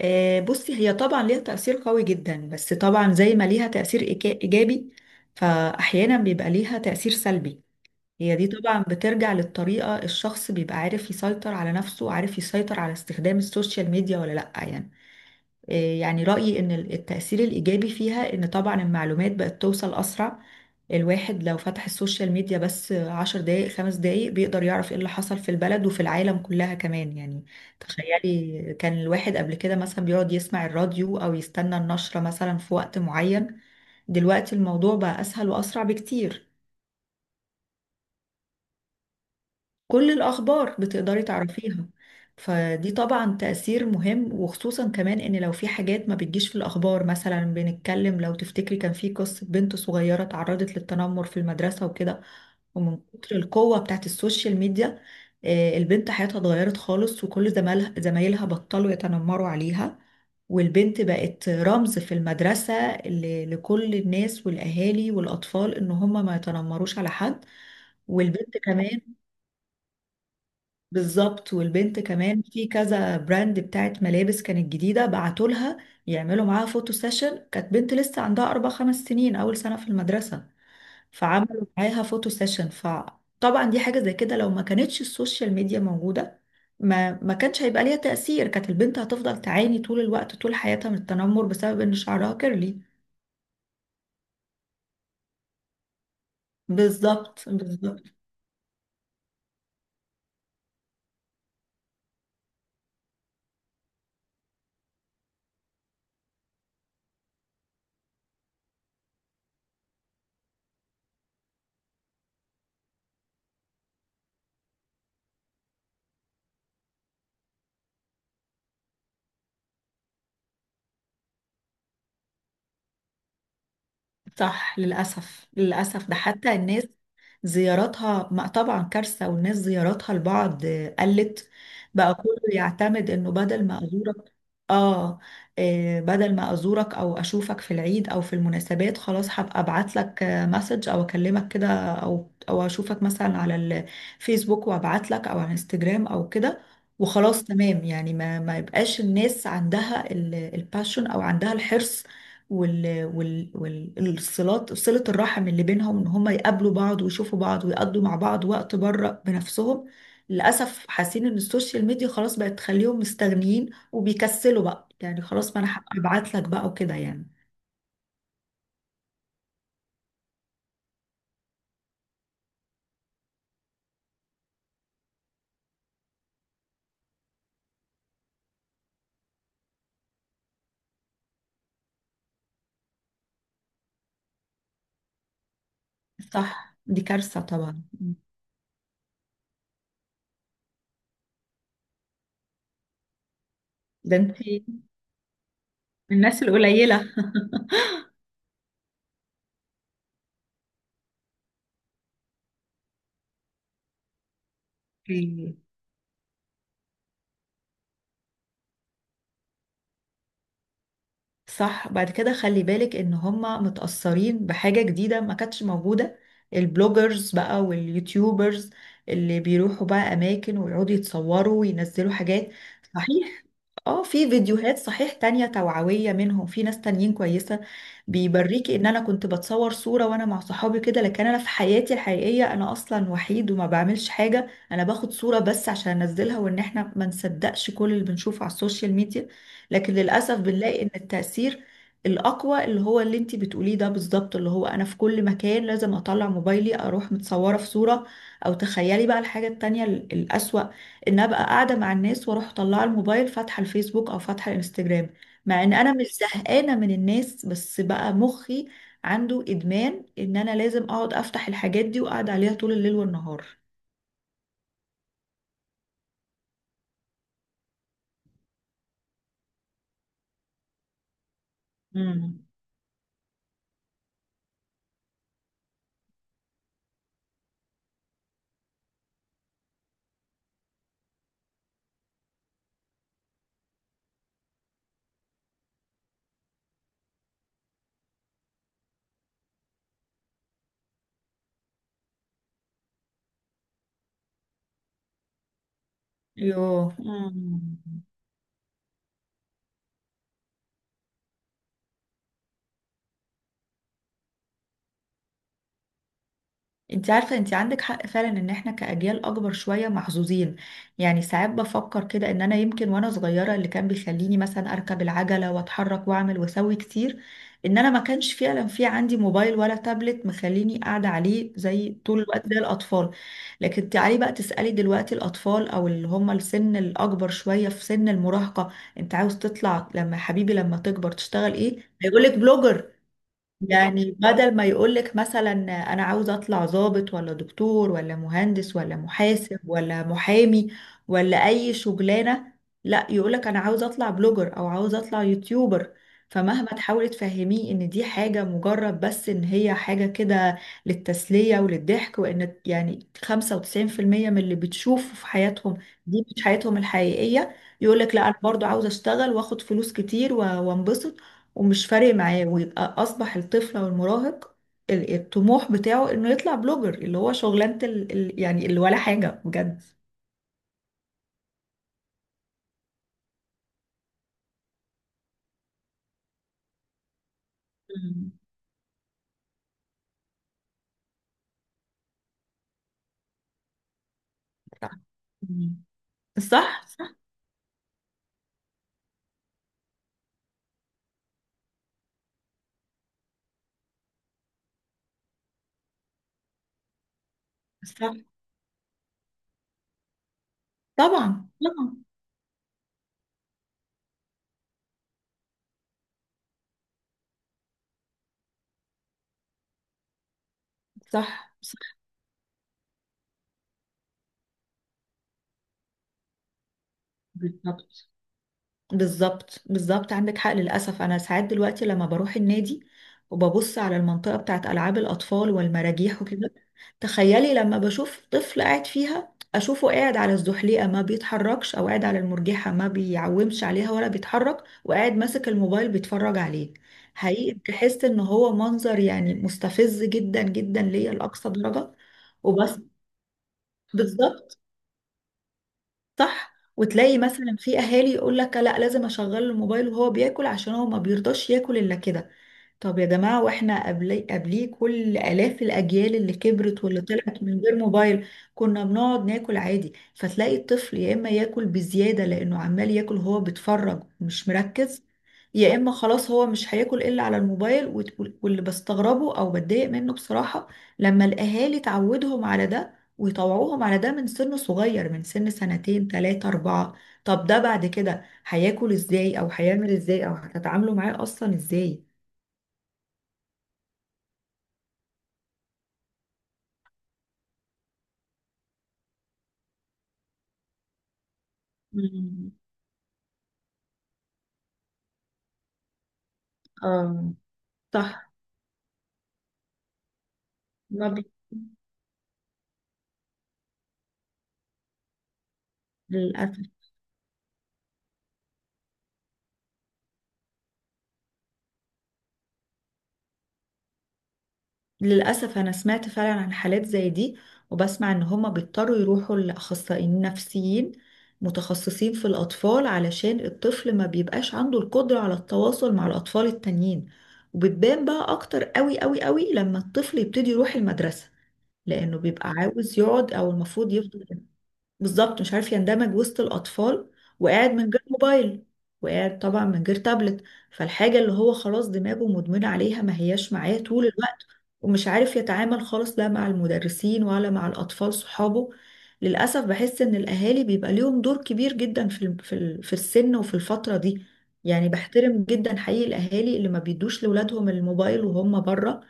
آه، بصي هي طبعا ليها تأثير قوي جدا، بس طبعا زي ما ليها تأثير إيجابي، فأحيانا بيبقى ليها تأثير سلبي. هي دي طبعا بترجع للطريقة الشخص بيبقى عارف يسيطر على نفسه وعارف يسيطر على استخدام السوشيال ميديا ولا لأ يعني. آه، يعني رأيي إن التأثير الإيجابي فيها إن طبعا المعلومات بقت توصل أسرع. الواحد لو فتح السوشيال ميديا بس 10 دقايق 5 دقايق بيقدر يعرف إيه اللي حصل في البلد وفي العالم كلها كمان يعني. تخيلي كان الواحد قبل كده مثلا بيقعد يسمع الراديو أو يستنى النشرة مثلا في وقت معين، دلوقتي الموضوع بقى أسهل وأسرع بكتير. كل الأخبار بتقدري تعرفيها. فدي طبعا تأثير مهم، وخصوصا كمان إن لو في حاجات ما بتجيش في الأخبار مثلا، بنتكلم لو تفتكري كان في قصة بنت صغيرة تعرضت للتنمر في المدرسة وكده. ومن كتر القوة بتاعت السوشيال ميديا، آه، البنت حياتها اتغيرت خالص، وكل زمالها زمايلها بطلوا يتنمروا عليها، والبنت بقت رمز في المدرسة لكل الناس والأهالي والأطفال إن هم ما يتنمروش على حد. والبنت كمان بالظبط، والبنت كمان في كذا براند بتاعت ملابس كانت جديدة بعتوا لها يعملوا معاها فوتو سيشن. كانت بنت لسه عندها 4 5 سنين، أول سنة في المدرسة، فعملوا معاها فوتو سيشن. فطبعا دي حاجة زي كده لو ما كانتش السوشيال ميديا موجودة ما كانش هيبقى ليها تأثير، كانت البنت هتفضل تعاني طول الوقت طول حياتها من التنمر بسبب إن شعرها كيرلي. بالظبط بالظبط. صح، للأسف للأسف، ده حتى الناس زياراتها ما طبعا كارثة، والناس زياراتها لبعض قلت. بقى كله يعتمد انه بدل ما ازورك، اه، آه، بدل ما ازورك او اشوفك في العيد او في المناسبات خلاص هبقى ابعت لك مسج او اكلمك كده، او اشوفك مثلا على الفيسبوك وابعت لك، او على انستجرام او كده، وخلاص تمام يعني. ما يبقاش الناس عندها الباشن او عندها الحرص والصلات، صلة الرحم اللي بينهم، ان هم يقابلوا بعض ويشوفوا بعض ويقضوا مع بعض وقت بره بنفسهم. للأسف حاسين ان السوشيال ميديا خلاص بقت تخليهم مستغنيين وبيكسلوا بقى، يعني خلاص ما انا هبقى ابعت لك بقى وكده يعني. صح، دي كارثة طبعا. ده انت من الناس القليلة. صح، بعد كده خلي بالك ان هما متأثرين بحاجة جديدة ما كانتش موجودة، البلوجرز بقى واليوتيوبرز اللي بيروحوا بقى اماكن ويقعدوا يتصوروا وينزلوا حاجات. صحيح، اه، في فيديوهات صحيح تانية توعوية منهم، في ناس تانيين كويسة بيوريكي ان انا كنت بتصور صورة وانا مع صحابي كده، لكن انا في حياتي الحقيقية انا اصلا وحيد وما بعملش حاجة، انا باخد صورة بس عشان انزلها، وان احنا ما نصدقش كل اللي بنشوفه على السوشيال ميديا. لكن للأسف بنلاقي ان التأثير الأقوى اللي هو اللي انتي بتقوليه ده بالظبط، اللي هو انا في كل مكان لازم اطلع موبايلي اروح متصورة في صورة. او تخيلي بقى الحاجة التانية الأسوأ، ان ابقى قاعده مع الناس واروح طالعه الموبايل فاتحه الفيسبوك او فاتحه الانستجرام، مع ان انا مش زهقانه من الناس، بس بقى مخي عنده ادمان ان انا لازم اقعد افتح الحاجات دي واقعد عليها طول الليل والنهار. مم. يوه مم. انت عارفة انت عندك حق فعلا ان احنا كأجيال اكبر شوية محظوظين. يعني ساعات بفكر كده ان انا يمكن وانا صغيرة اللي كان بيخليني مثلا اركب العجلة واتحرك واعمل واسوي كتير، ان انا ما كانش فعلا في عندي موبايل ولا تابلت مخليني قاعدة عليه زي طول الوقت زي الاطفال. لكن تعالي بقى تسألي دلوقتي الاطفال او اللي هم السن الاكبر شوية في سن المراهقة، انت عاوز تطلع لما حبيبي لما تكبر تشتغل ايه، هيقولك بلوجر. يعني بدل ما يقولك مثلا أنا عاوز أطلع ضابط ولا دكتور ولا مهندس ولا محاسب ولا محامي ولا أي شغلانة، لا يقولك أنا عاوز أطلع بلوجر أو عاوز أطلع يوتيوبر. فمهما تحاولي تفهميه إن دي حاجة مجرد بس، إن هي حاجة كده للتسلية وللضحك، وإن يعني 95% من اللي بتشوفه في حياتهم دي مش حياتهم الحقيقية، يقولك لا أنا برضو عاوز أشتغل وآخد فلوس كتير وأنبسط، ومش فارق معاه، ويبقى اصبح الطفل او المراهق الطموح بتاعه انه يطلع بلوجر، اللي هو شغلانة يعني اللي ولا حاجة بجد. مم. صح. مم. صح صح. صح، طبعا طبعا. صح صح. بالظبط بالظبط. بالظبط عندك حق، للأسف أنا ساعات دلوقتي لما بروح النادي وببص على المنطقة بتاعت ألعاب الأطفال والمراجيح وكده، تخيلي لما بشوف طفل قاعد فيها، أشوفه قاعد على الزحليقة ما بيتحركش، أو قاعد على المرجحة ما بيعومش عليها ولا بيتحرك، وقاعد ماسك الموبايل بيتفرج عليه. حقيقي بحس إن هو منظر يعني مستفز جدا جدا ليا لأقصى درجة. وبس بالظبط. صح، وتلاقي مثلا في اهالي يقول لك لا لازم اشغل الموبايل وهو بياكل عشان هو ما بيرضاش ياكل الا كده. طب يا جماعة، واحنا قبلي قبليه كل آلاف الأجيال اللي كبرت واللي طلعت من غير موبايل، كنا بنقعد ناكل عادي. فتلاقي الطفل يا إما ياكل بزيادة لأنه عمال ياكل هو بيتفرج مش مركز، يا إما خلاص هو مش هياكل إلا على الموبايل. واللي بستغربه أو بتضايق منه بصراحة لما الأهالي تعودهم على ده ويطوعوهم على ده من سن صغير، من سن 2 3 4، طب ده بعد كده هياكل إزاي أو هيعمل إزاي أو هتتعاملوا معاه أصلا إزاي؟ مم. آه. صح. ما بي... للأسف. للأسف أنا سمعت فعلا عن حالات زي دي، وبسمع إن هما بيضطروا يروحوا لأخصائيين نفسيين متخصصين في الأطفال علشان الطفل ما بيبقاش عنده القدرة على التواصل مع الأطفال التانيين. وبتبان بقى أكتر قوي قوي قوي لما الطفل يبتدي يروح المدرسة، لأنه بيبقى عاوز يقعد أو المفروض يفضل. بالظبط، مش عارف يندمج وسط الأطفال، وقاعد من غير موبايل، وقاعد طبعا من غير تابلت، فالحاجة اللي هو خلاص دماغه مدمنة عليها ما هياش معاه طول الوقت، ومش عارف يتعامل خالص لا مع المدرسين ولا مع الأطفال صحابه. للأسف بحس إن الأهالي بيبقى ليهم دور كبير جدا في السن وفي الفترة دي. يعني بحترم جدا حقيقي الأهالي اللي ما بيدوش لأولادهم الموبايل وهم بره،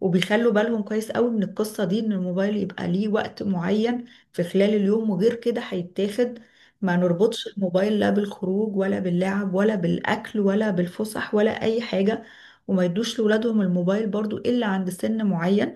وبيخلوا بالهم كويس قوي من القصة دي إن الموبايل يبقى ليه وقت معين في خلال اليوم، وغير كده هيتاخد. ما نربطش الموبايل لا بالخروج ولا باللعب ولا بالأكل ولا بالفسح ولا أي حاجة، وما يدوش لولادهم الموبايل برضو إلا عند سن معين.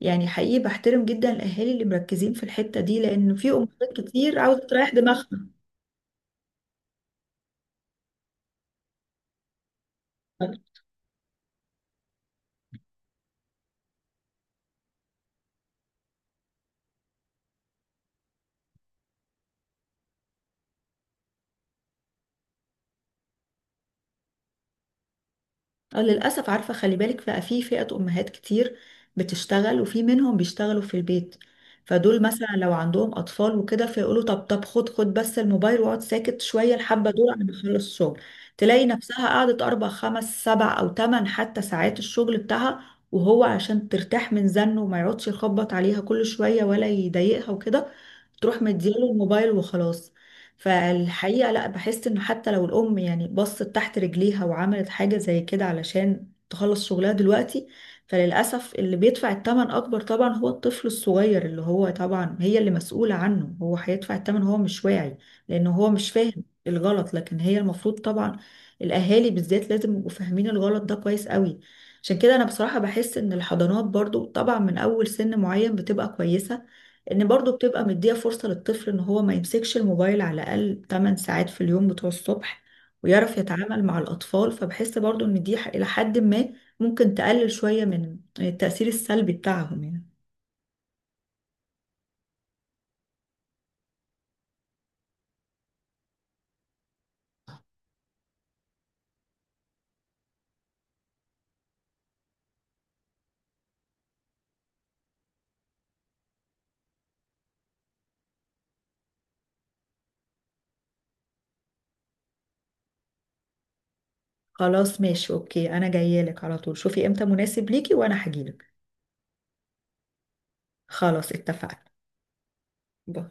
يعني حقيقي بحترم جدا الأهالي اللي مركزين في الحتة دي، لأن في أمهات كتير عاوزة تريح دماغها. آه، للأسف، عارفة خلي بالك بقى، في فئة أمهات كتير بتشتغل، وفي منهم بيشتغلوا في البيت، فدول مثلا لو عندهم أطفال وكده فيقولوا طب طب خد خد بس الموبايل واقعد ساكت شوية الحبة دول أنا بخلص شغل. تلاقي نفسها قعدت أربع خمس سبع أو تمن حتى ساعات، الشغل بتاعها، وهو عشان ترتاح من زنه وما يقعدش يخبط عليها كل شوية ولا يضايقها وكده، تروح مدياله الموبايل وخلاص. فالحقيقة لا، بحس انه حتى لو الام يعني بصت تحت رجليها وعملت حاجة زي كده علشان تخلص شغلها دلوقتي، فللأسف اللي بيدفع الثمن أكبر طبعا هو الطفل الصغير اللي هو طبعا هي اللي مسؤولة عنه، هو هيدفع الثمن، هو مش واعي لأنه هو مش فاهم الغلط، لكن هي المفروض طبعا، الأهالي بالذات، لازم يبقوا فاهمين الغلط ده كويس قوي. عشان كده أنا بصراحة بحس إن الحضانات برضو طبعا من أول سن معين بتبقى كويسة، ان برضو بتبقى مدية فرصة للطفل ان هو ما يمسكش الموبايل على الاقل 8 ساعات في اليوم بتوع الصبح، ويعرف يتعامل مع الاطفال. فبحس برضو ان دي الى حد ما ممكن تقلل شوية من التأثير السلبي بتاعهم يعني. خلاص ماشي، اوكي، انا جاية لك على طول، شوفي امتى مناسب ليكي وانا هجيلك. خلاص اتفقنا. باي.